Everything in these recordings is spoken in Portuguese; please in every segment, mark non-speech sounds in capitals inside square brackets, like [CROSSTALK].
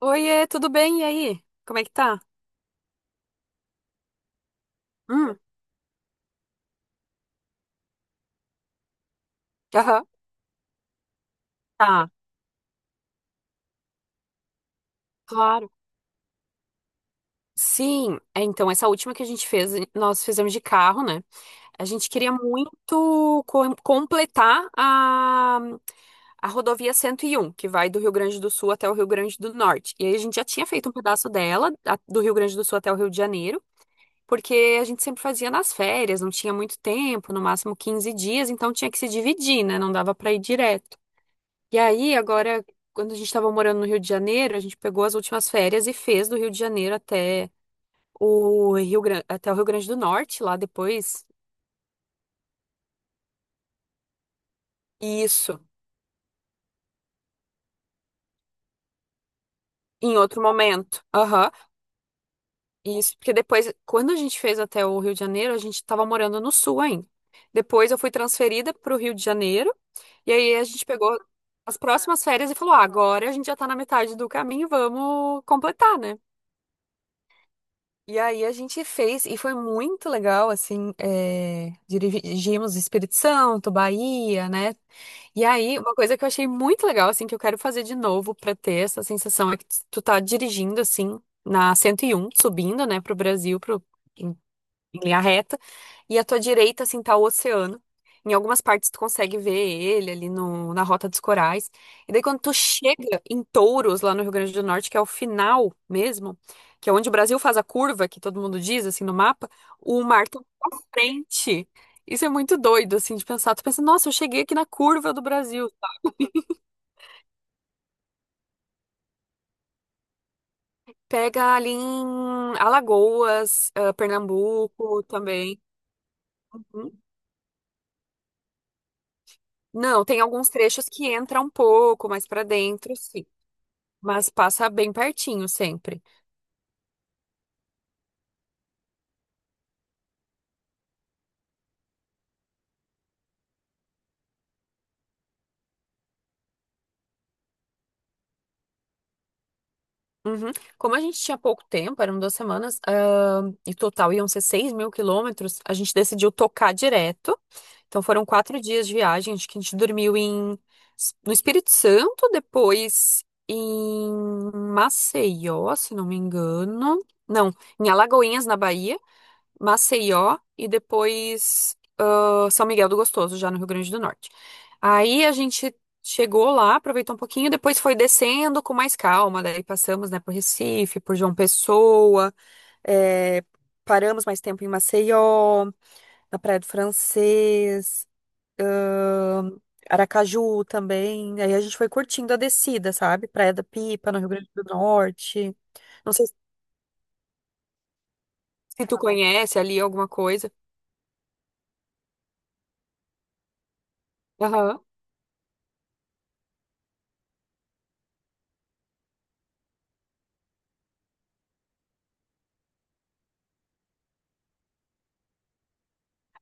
Oiê, tudo bem? E aí? Como é que tá? Hum, aham, tá, claro. Sim, é, então, essa última que a gente fez, nós fizemos de carro, né? A gente queria muito completar a rodovia 101, que vai do Rio Grande do Sul até o Rio Grande do Norte. E aí a gente já tinha feito um pedaço dela, do Rio Grande do Sul até o Rio de Janeiro, porque a gente sempre fazia nas férias, não tinha muito tempo, no máximo 15 dias, então tinha que se dividir, né? Não dava pra ir direto. E aí, agora, quando a gente estava morando no Rio de Janeiro, a gente pegou as últimas férias e fez do Rio de Janeiro até o Rio Grande, até o Rio Grande do Norte, lá depois. Isso, em outro momento. Aham. Isso, porque depois, quando a gente fez até o Rio de Janeiro, a gente estava morando no Sul ainda. Depois eu fui transferida para o Rio de Janeiro, e aí a gente pegou as próximas férias e falou: ah, agora a gente já está na metade do caminho, vamos completar, né? E aí a gente fez, e foi muito legal, assim, é, dirigimos Espírito Santo, Bahia, né? E aí, uma coisa que eu achei muito legal, assim, que eu quero fazer de novo pra ter essa sensação é que tu tá dirigindo, assim, na 101 subindo, né, pro Brasil, pro, em linha reta, e à tua direita, assim, tá o oceano. Em algumas partes tu consegue ver ele ali no, na Rota dos Corais. E daí quando tu chega em Touros, lá no Rio Grande do Norte, que é o final mesmo, que é onde o Brasil faz a curva, que todo mundo diz, assim, no mapa, o mar tá pra frente. Isso é muito doido, assim, de pensar. Tu pensa, nossa, eu cheguei aqui na curva do Brasil. Pega ali em Alagoas, ah, Pernambuco também. Uhum. Não, tem alguns trechos que entra um pouco mais pra dentro, sim. Mas passa bem pertinho sempre. Uhum. Como a gente tinha pouco tempo, eram 2 semanas, ah, e total iam ser 6.000 quilômetros, a gente decidiu tocar direto. Então foram 4 dias de viagem, acho que a gente dormiu em, no Espírito Santo, depois em Maceió, se não me engano. Não, em Alagoinhas, na Bahia, Maceió, e depois. São Miguel do Gostoso, já no Rio Grande do Norte. Aí a gente chegou lá, aproveitou um pouquinho, depois foi descendo com mais calma. Daí passamos, né, por Recife, por João Pessoa, é, paramos mais tempo em Maceió, na Praia do Francês, ahn, Aracaju também. Aí a gente foi curtindo a descida, sabe? Praia da Pipa, no Rio Grande do Norte. Não sei se tu conhece ali alguma coisa. Aham.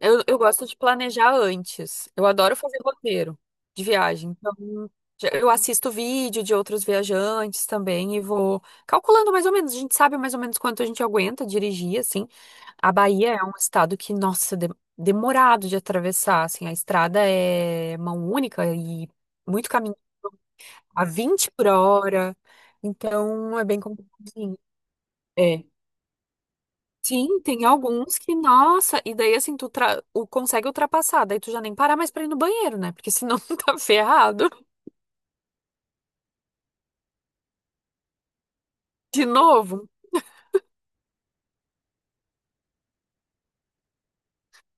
Eu gosto de planejar antes. Eu adoro fazer roteiro de viagem. Então, eu assisto vídeo de outros viajantes também e vou calculando mais ou menos. A gente sabe mais ou menos quanto a gente aguenta dirigir, assim. A Bahia é um estado que, nossa, demorado de atravessar, assim. A estrada é mão única e muito caminho a 20 por hora. Então, é bem complicadinho. É. Sim, tem alguns que, nossa, e daí assim, consegue ultrapassar, daí tu já nem parar mais pra ir no banheiro, né? Porque senão [LAUGHS] tu tá ferrado. De novo,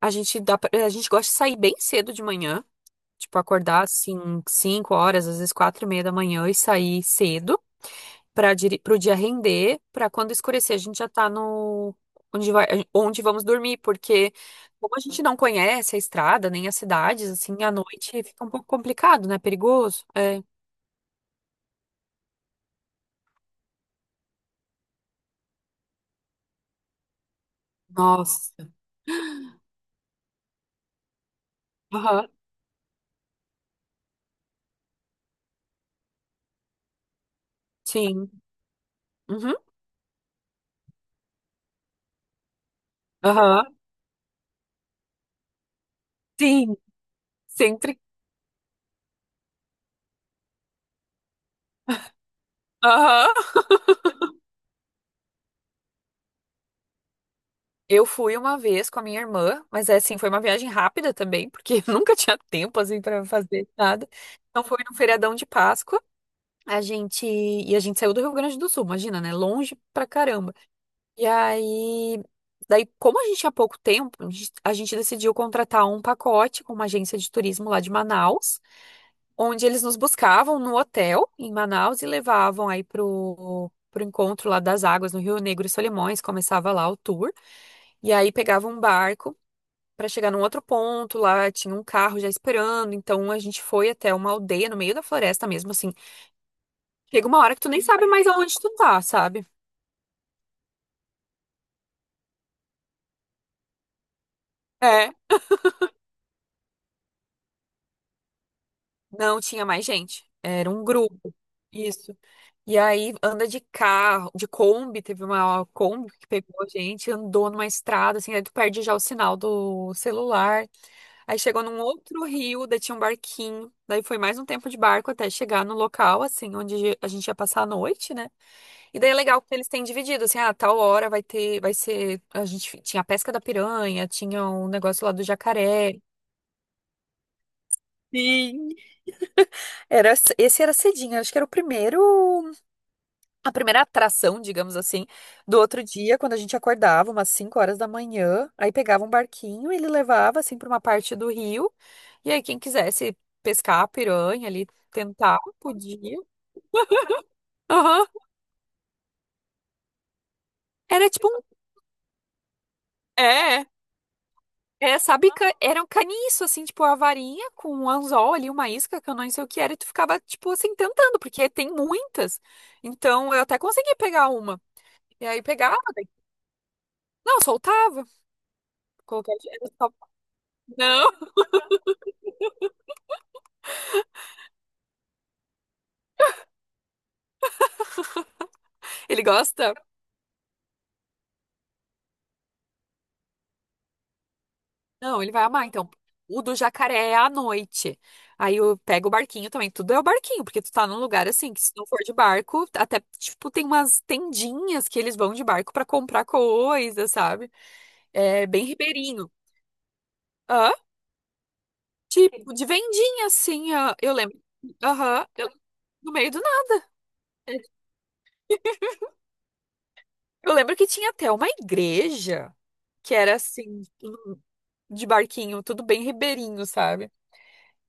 a gente gosta de sair bem cedo de manhã, tipo, acordar assim, 5 horas, às vezes 4:30 da manhã e sair cedo pro dia render, pra quando escurecer a gente já tá no, onde vai, onde vamos dormir, porque como a gente não conhece a estrada, nem as cidades, assim, à noite fica um pouco complicado, né? Perigoso. É. Nossa. Aham. Sim. Uhum. Aham. Sim. Sempre. Aham. Eu fui uma vez com a minha irmã, mas é assim, foi uma viagem rápida também, porque [LAUGHS] eu nunca tinha tempo assim para fazer nada. Então foi no feriadão de Páscoa. A gente saiu do Rio Grande do Sul, imagina, né? Longe pra caramba. E aí, daí como a gente tinha pouco tempo, a gente decidiu contratar um pacote com uma agência de turismo lá de Manaus, onde eles nos buscavam no hotel em Manaus e levavam aí pro, pro encontro lá das águas no Rio Negro e Solimões, começava lá o tour, e aí pegava um barco para chegar num outro ponto, lá tinha um carro já esperando, então a gente foi até uma aldeia no meio da floresta mesmo, assim. Chega uma hora que tu nem sabe mais aonde tu tá, sabe? É, não tinha mais gente, era um grupo. Isso. E aí anda de carro, de Kombi, teve uma Kombi que pegou a gente, andou numa estrada, assim, aí tu perde já o sinal do celular. Aí chegou num outro rio, daí tinha um barquinho, daí foi mais um tempo de barco até chegar no local, assim, onde a gente ia passar a noite, né? E daí é legal que eles têm dividido, assim, ah, tal hora vai ter, vai ser, a gente tinha a pesca da piranha, tinha um negócio lá do jacaré. Sim. Era, esse era cedinho, acho que era o primeiro, a primeira atração, digamos assim, do outro dia, quando a gente acordava, umas 5 horas da manhã, aí pegava um barquinho, ele levava assim para uma parte do rio, e aí quem quisesse pescar piranha ali, tentar, podia. Aham. Era tipo um. É. É, sabe, era um caniço, assim, tipo, a varinha com um anzol ali, uma isca, que eu não sei o que era, e tu ficava, tipo, assim, tentando, porque tem muitas. Então, eu até consegui pegar uma. E aí pegava, não, soltava. Colocava... Não, [LAUGHS] ele gosta. Não, ele vai amar. Então, o do jacaré é à noite. Aí eu pego o barquinho também. Tudo é o barquinho, porque tu tá num lugar assim, que se não for de barco, até, tipo, tem umas tendinhas que eles vão de barco pra comprar coisa, sabe? É bem ribeirinho. Hã? Tipo, de vendinha, assim, ah, eu lembro. Aham, no meio do nada. Eu lembro que tinha até uma igreja que era assim, tudo de barquinho, tudo bem ribeirinho, sabe?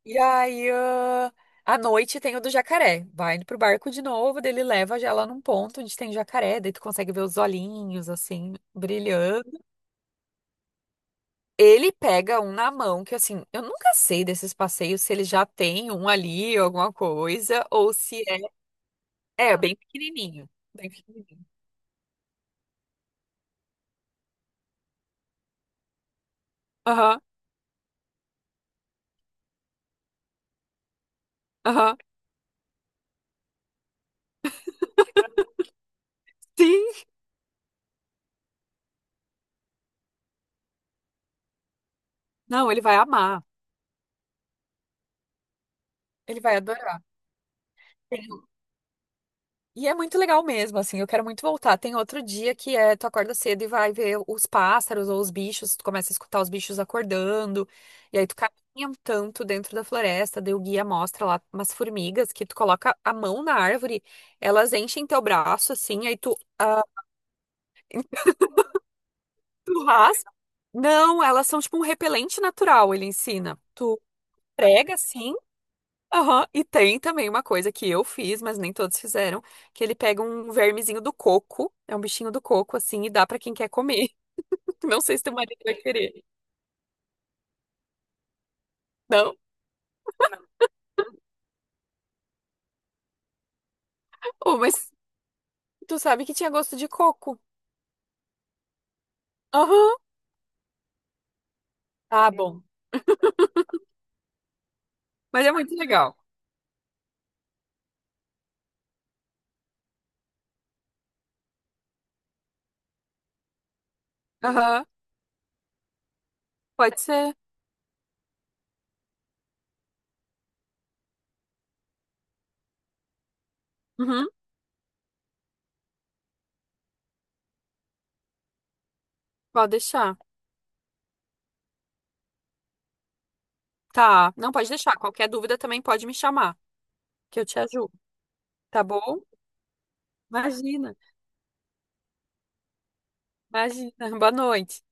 E aí, ah, à noite tem o do jacaré. Vai pro barco de novo, daí ele leva já lá num ponto onde tem jacaré, daí tu consegue ver os olhinhos, assim, brilhando. Ele pega um na mão, que assim, eu nunca sei desses passeios se ele já tem um ali, alguma coisa, ou se é. É, bem pequenininho. Bem pequenininho. Aham, aham. Sim! Não, ele vai amar. Ele vai adorar. E é muito legal mesmo, assim, eu quero muito voltar. Tem outro dia que é, tu acorda cedo e vai ver os pássaros ou os bichos, tu começa a escutar os bichos acordando, e aí tu caminha um tanto dentro da floresta, daí o guia mostra lá umas formigas que tu coloca a mão na árvore, elas enchem teu braço, assim, aí tu, ah, tu raspa. Não, elas são tipo um repelente natural, ele ensina. Tu prega, assim. Aham. E tem também uma coisa que eu fiz, mas nem todos fizeram, que ele pega um vermezinho do coco, é um bichinho do coco, assim, e dá pra quem quer comer. [LAUGHS] Não sei se teu marido vai querer. Não? Oh, mas tu sabe que tinha gosto de coco. Aham. Ah, bom. Mas é muito legal. Aham. Pode ser. Uhum. Pode deixar. Tá. Não, pode deixar. Qualquer dúvida também pode me chamar, que eu te ajudo. Tá bom? Imagina. Imagina. [LAUGHS] Boa noite.